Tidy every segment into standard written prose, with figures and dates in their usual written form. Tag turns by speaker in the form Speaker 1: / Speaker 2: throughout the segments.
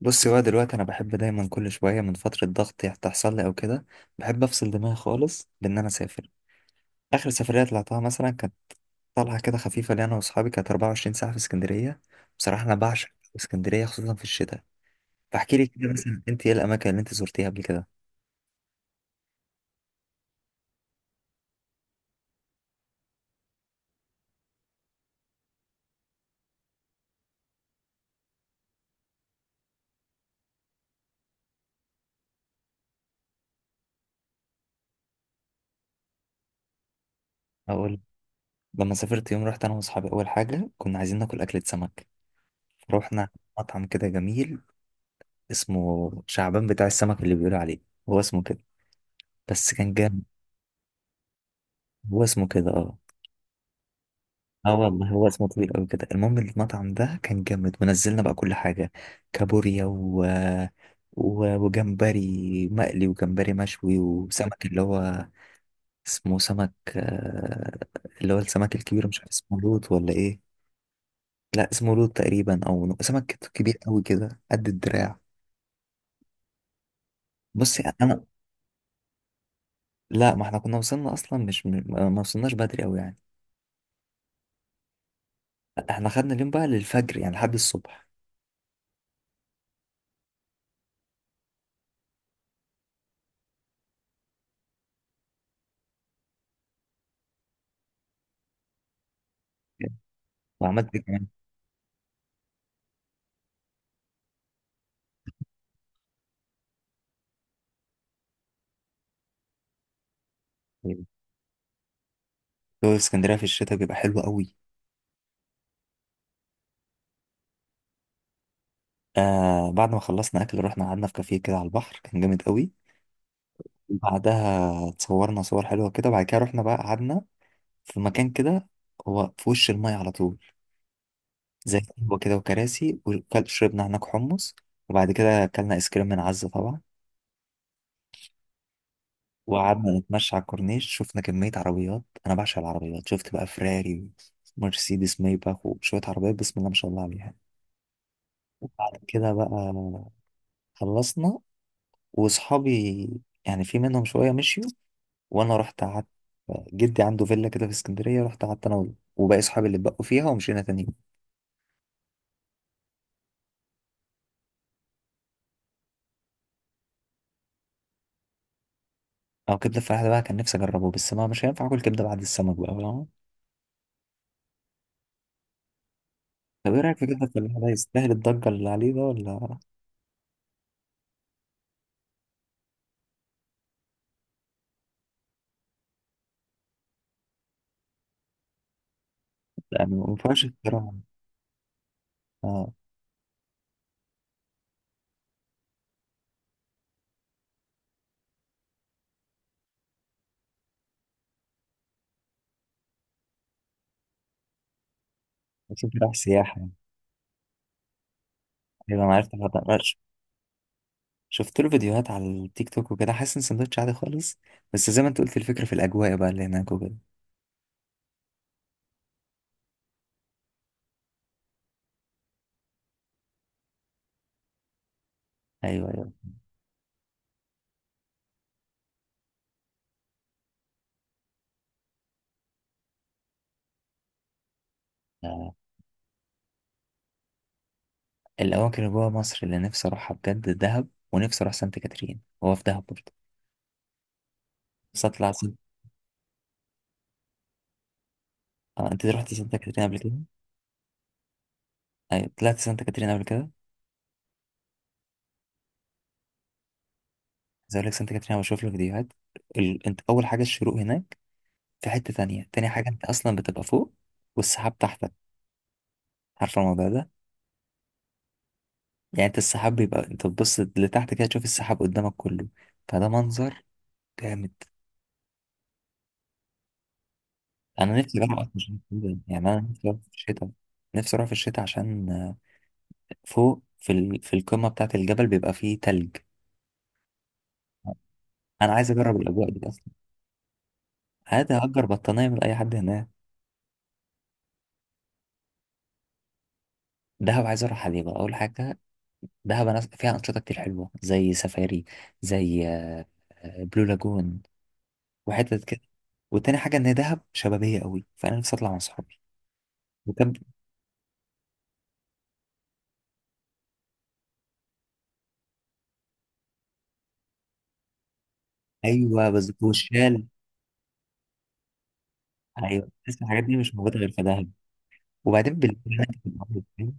Speaker 1: بصي بقى دلوقتي، انا بحب دايما كل شويه من فتره ضغط تحصل لي او كده. بحب افصل دماغي خالص بان انا اسافر. اخر سفريه طلعتها مثلا كانت طلعه كده خفيفه لي انا واصحابي، كانت 24 ساعه في اسكندريه. بصراحه انا بعشق اسكندريه خصوصا في الشتاء. فاحكي لي كده مثلا انت ايه الاماكن اللي انت زرتيها قبل كده؟ اقول، لما سافرت يوم رحت انا واصحابي اول حاجه كنا عايزين ناكل اكله سمك، فروحنا مطعم كده جميل اسمه شعبان بتاع السمك اللي بيقولوا عليه، هو اسمه كده، بس كان جامد. هو اسمه كده اه. اه والله هو اسمه طويل قوي كده، المهم المطعم ده كان جامد ونزلنا بقى كل حاجة، كابوريا وجمبري مقلي وجمبري مشوي وسمك اللي هو اسمه سمك، اللي هو السمك الكبير، مش عارف اسمه لوت ولا ايه. لا اسمه لوت تقريبا، او سمك كبير قوي كده قد الدراع. بصي انا، لا ما احنا كنا وصلنا اصلا، مش ما وصلناش بدري قوي يعني. احنا خدنا اليوم بقى للفجر يعني لحد الصبح. وعملت إيه كمان؟ جو اسكندريه في الشتاء بيبقى حلو قوي. آه، بعد ما خلصنا اكل رحنا قعدنا في كافيه كده على البحر، كان جامد قوي. بعدها اتصورنا صور حلوه كده، بعد كده رحنا بقى قعدنا في مكان كده، هو في وش المايه على طول، زي قهوه كده وكراسي، وشربنا هناك حمص، وبعد كده اكلنا ايس كريم من عزه طبعا. وقعدنا نتمشى على الكورنيش، شفنا كميه عربيات، انا بعشق العربيات، شفت بقى فراري ومرسيدس مايباخ وشويه عربيات بسم الله ما شاء الله عليها. وبعد كده بقى خلصنا، واصحابي يعني في منهم شويه مشيوا، وانا رحت قعدت. جدي عنده فيلا كده في اسكندريه، رحت قعدت انا وباقي صحابي اللي اتبقوا فيها، ومشينا تاني يوم. او كبده الفلاحه ده بقى كان نفسي اجربه، بس ما مش هينفع اكل كبده بعد السمك بقى، فاهم؟ طب ايه رايك في كبده الفلاحه ده، يستاهل الضجه اللي عليه ده ولا؟ يعني ما ينفعش اختراع؟ اه، بس انت رايح سياحه يعني. ايوه انا عرفت الوضع ده. شفت له فيديوهات على التيك توك وكده، حاسس ان سندوتش عادي خالص، بس زي ما انت قلت الفكره في الاجواء بقى اللي هناك وكده. ايوه، ايوه، آه. الاماكن اللي جوه مصر اللي نفسي اروحها بجد دهب، ونفسي اروح سانت كاترين، هو في دهب برضه، بس آه، انت رحتي سانتا كاترين قبل كده؟ ايوه طلعت سانتا كاترين قبل كده. زي اقول لك سانتا كاترين، أنا بشوف له فيديوهات، انت اول حاجه الشروق هناك في حته تانية، تاني حاجه انت اصلا بتبقى فوق والسحاب تحتك، عارفه الموضوع ده؟ يعني انت السحاب بيبقى، انت تبص لتحت كده تشوف السحاب قدامك كله، فده منظر جامد. انا نفسي اروح اصلا عشان كده. يعني انا نفسي اروح في الشتاء. نفسي اروح في الشتاء عشان فوق في في القمه بتاعه الجبل بيبقى فيه تلج. انا عايز اجرب الاجواء دي اصلا، عادي هأجر بطانيه من اي حد هناك. دهب عايز اروحها ليه بقى؟ اول حاجه دهب أنا فيها انشطه كتير حلوه، زي سفاري، زي بلو لاجون وحتت كده. وتاني حاجه ان دهب شبابيه قوي، فانا نفسي اطلع مع صحابي. وكم. ايوه بس وشال. ايوه بس الحاجات دي مش موجوده غير في دهب، وبعدين بالليل هناك بتبقى عامل إزاي؟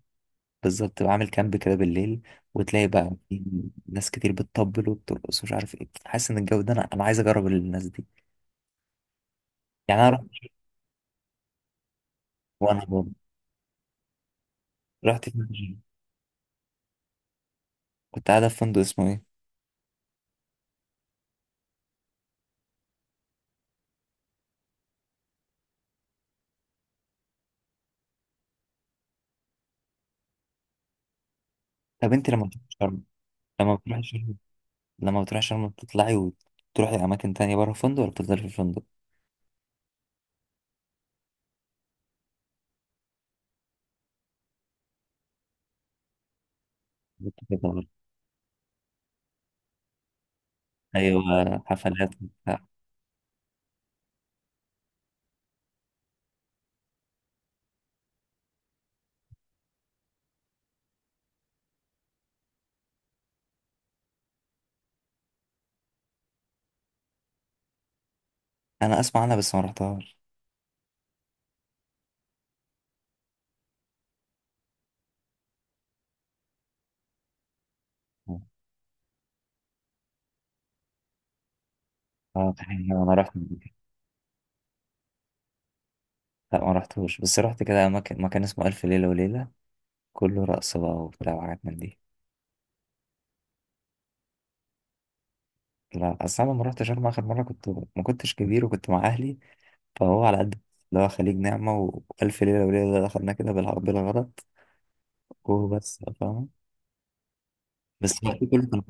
Speaker 1: بالظبط تبقى عامل كامب كده بالليل، وتلاقي بقى في ناس كتير بتطبل وبترقص ومش عارف ايه، حاسس ان الجو ده، انا عايز اجرب الناس دي. يعني انا رحت، وانا برضه رحت فين؟ كنت قاعده في فندق اسمه ايه؟ طب انت لما بتروحي شرم، لما بتروحي شرم بتطلعي وتروحي اماكن تانية بره الفندق ولا بتفضلي في الفندق؟ بتفضلي بره. ايوه حفلات وبتاع. انا اسمع عنها بس ما رحتهاش. اه تحية، انا رحت قبل كده. لا ما رحتوش، بس رحت كده مكان اسمه الف ليله وليله، كله رقص بقى وبتاع وحاجات من دي. لا اصل انا لما رحت شرم اخر مره كنت ما كنتش كبير وكنت مع اهلي، فهو على قد اللي هو خليج نعمه والف ليله وليله ده دخلنا كده بالغلط وبس، فاهم. بس هو في كله كان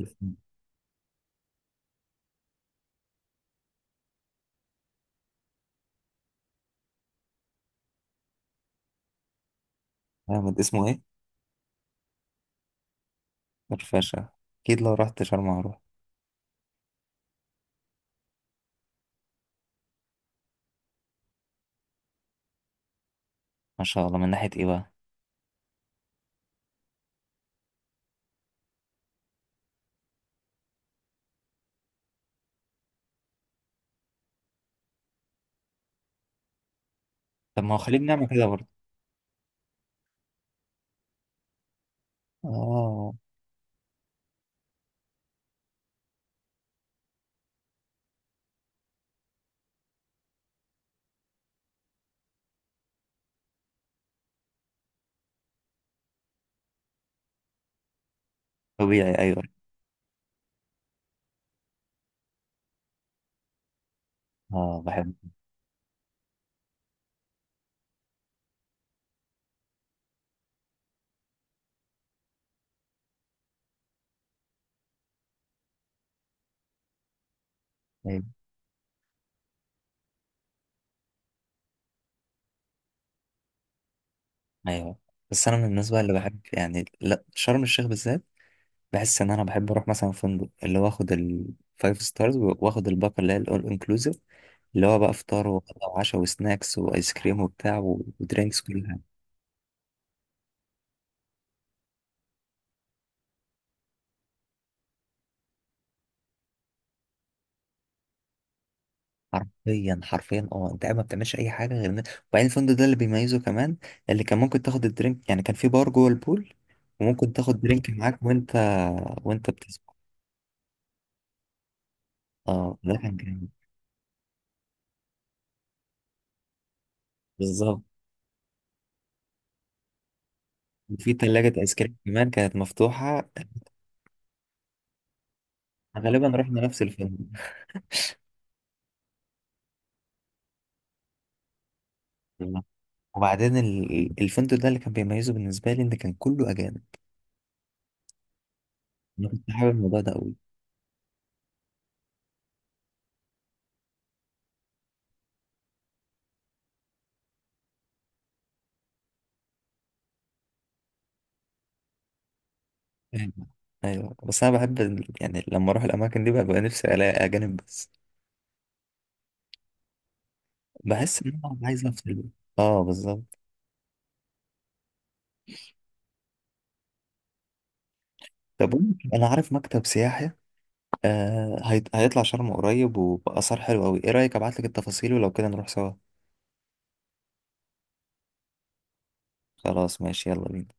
Speaker 1: جامد، اسمه ايه؟ الفاشا. اكيد لو رحت شرم هروح. ما شاء الله، من ناحية ايه بقى؟ طب ما هو خليج نعمة كده برضه. اه. طبيعي ايوه. اه بحب. ايوه، ايوه، بس انا من الناس بقى اللي بحب يعني، لا شرم الشيخ بالذات، بحس ان انا بحب اروح مثلا فندق اللي هو اخد الفايف ستارز، واخد الباقه اللي هي الاول انكلوسيف، اللي هو بقى فطار وغدا وعشاء وسناكس وايس كريم وبتاع ودرينكس كلها. حرفيا حرفيا اه، انت قاعد ما بتعملش اي حاجه غير ان. وبعدين الفندق ده اللي بيميزه كمان، اللي كان ممكن تاخد الدرينك يعني، كان في بار جوه البول وممكن تاخد درينك معاك وانت بتسبح. اه ده كان جامد. بالظبط وفي ثلاجه ايس كريم كمان كانت مفتوحه. غالبا رحنا نفس الفندق والله. وبعدين الفندق ده اللي كان بيميزه بالنسبه لي ان كان كله اجانب. انا كنت حابب الموضوع ده قوي. ايوه، ايوه، بس انا بحب يعني لما اروح الاماكن دي بقى، نفسي الاقي اجانب بس. بحس ان انا عايز افصل بقى. اه بالظبط. طب انا عارف مكتب سياحي، آه، هيطلع شرم قريب وبأسعار حلوة قوي، ايه رأيك ابعت لك التفاصيل ولو كده نروح سوا؟ خلاص ماشي يلا بينا.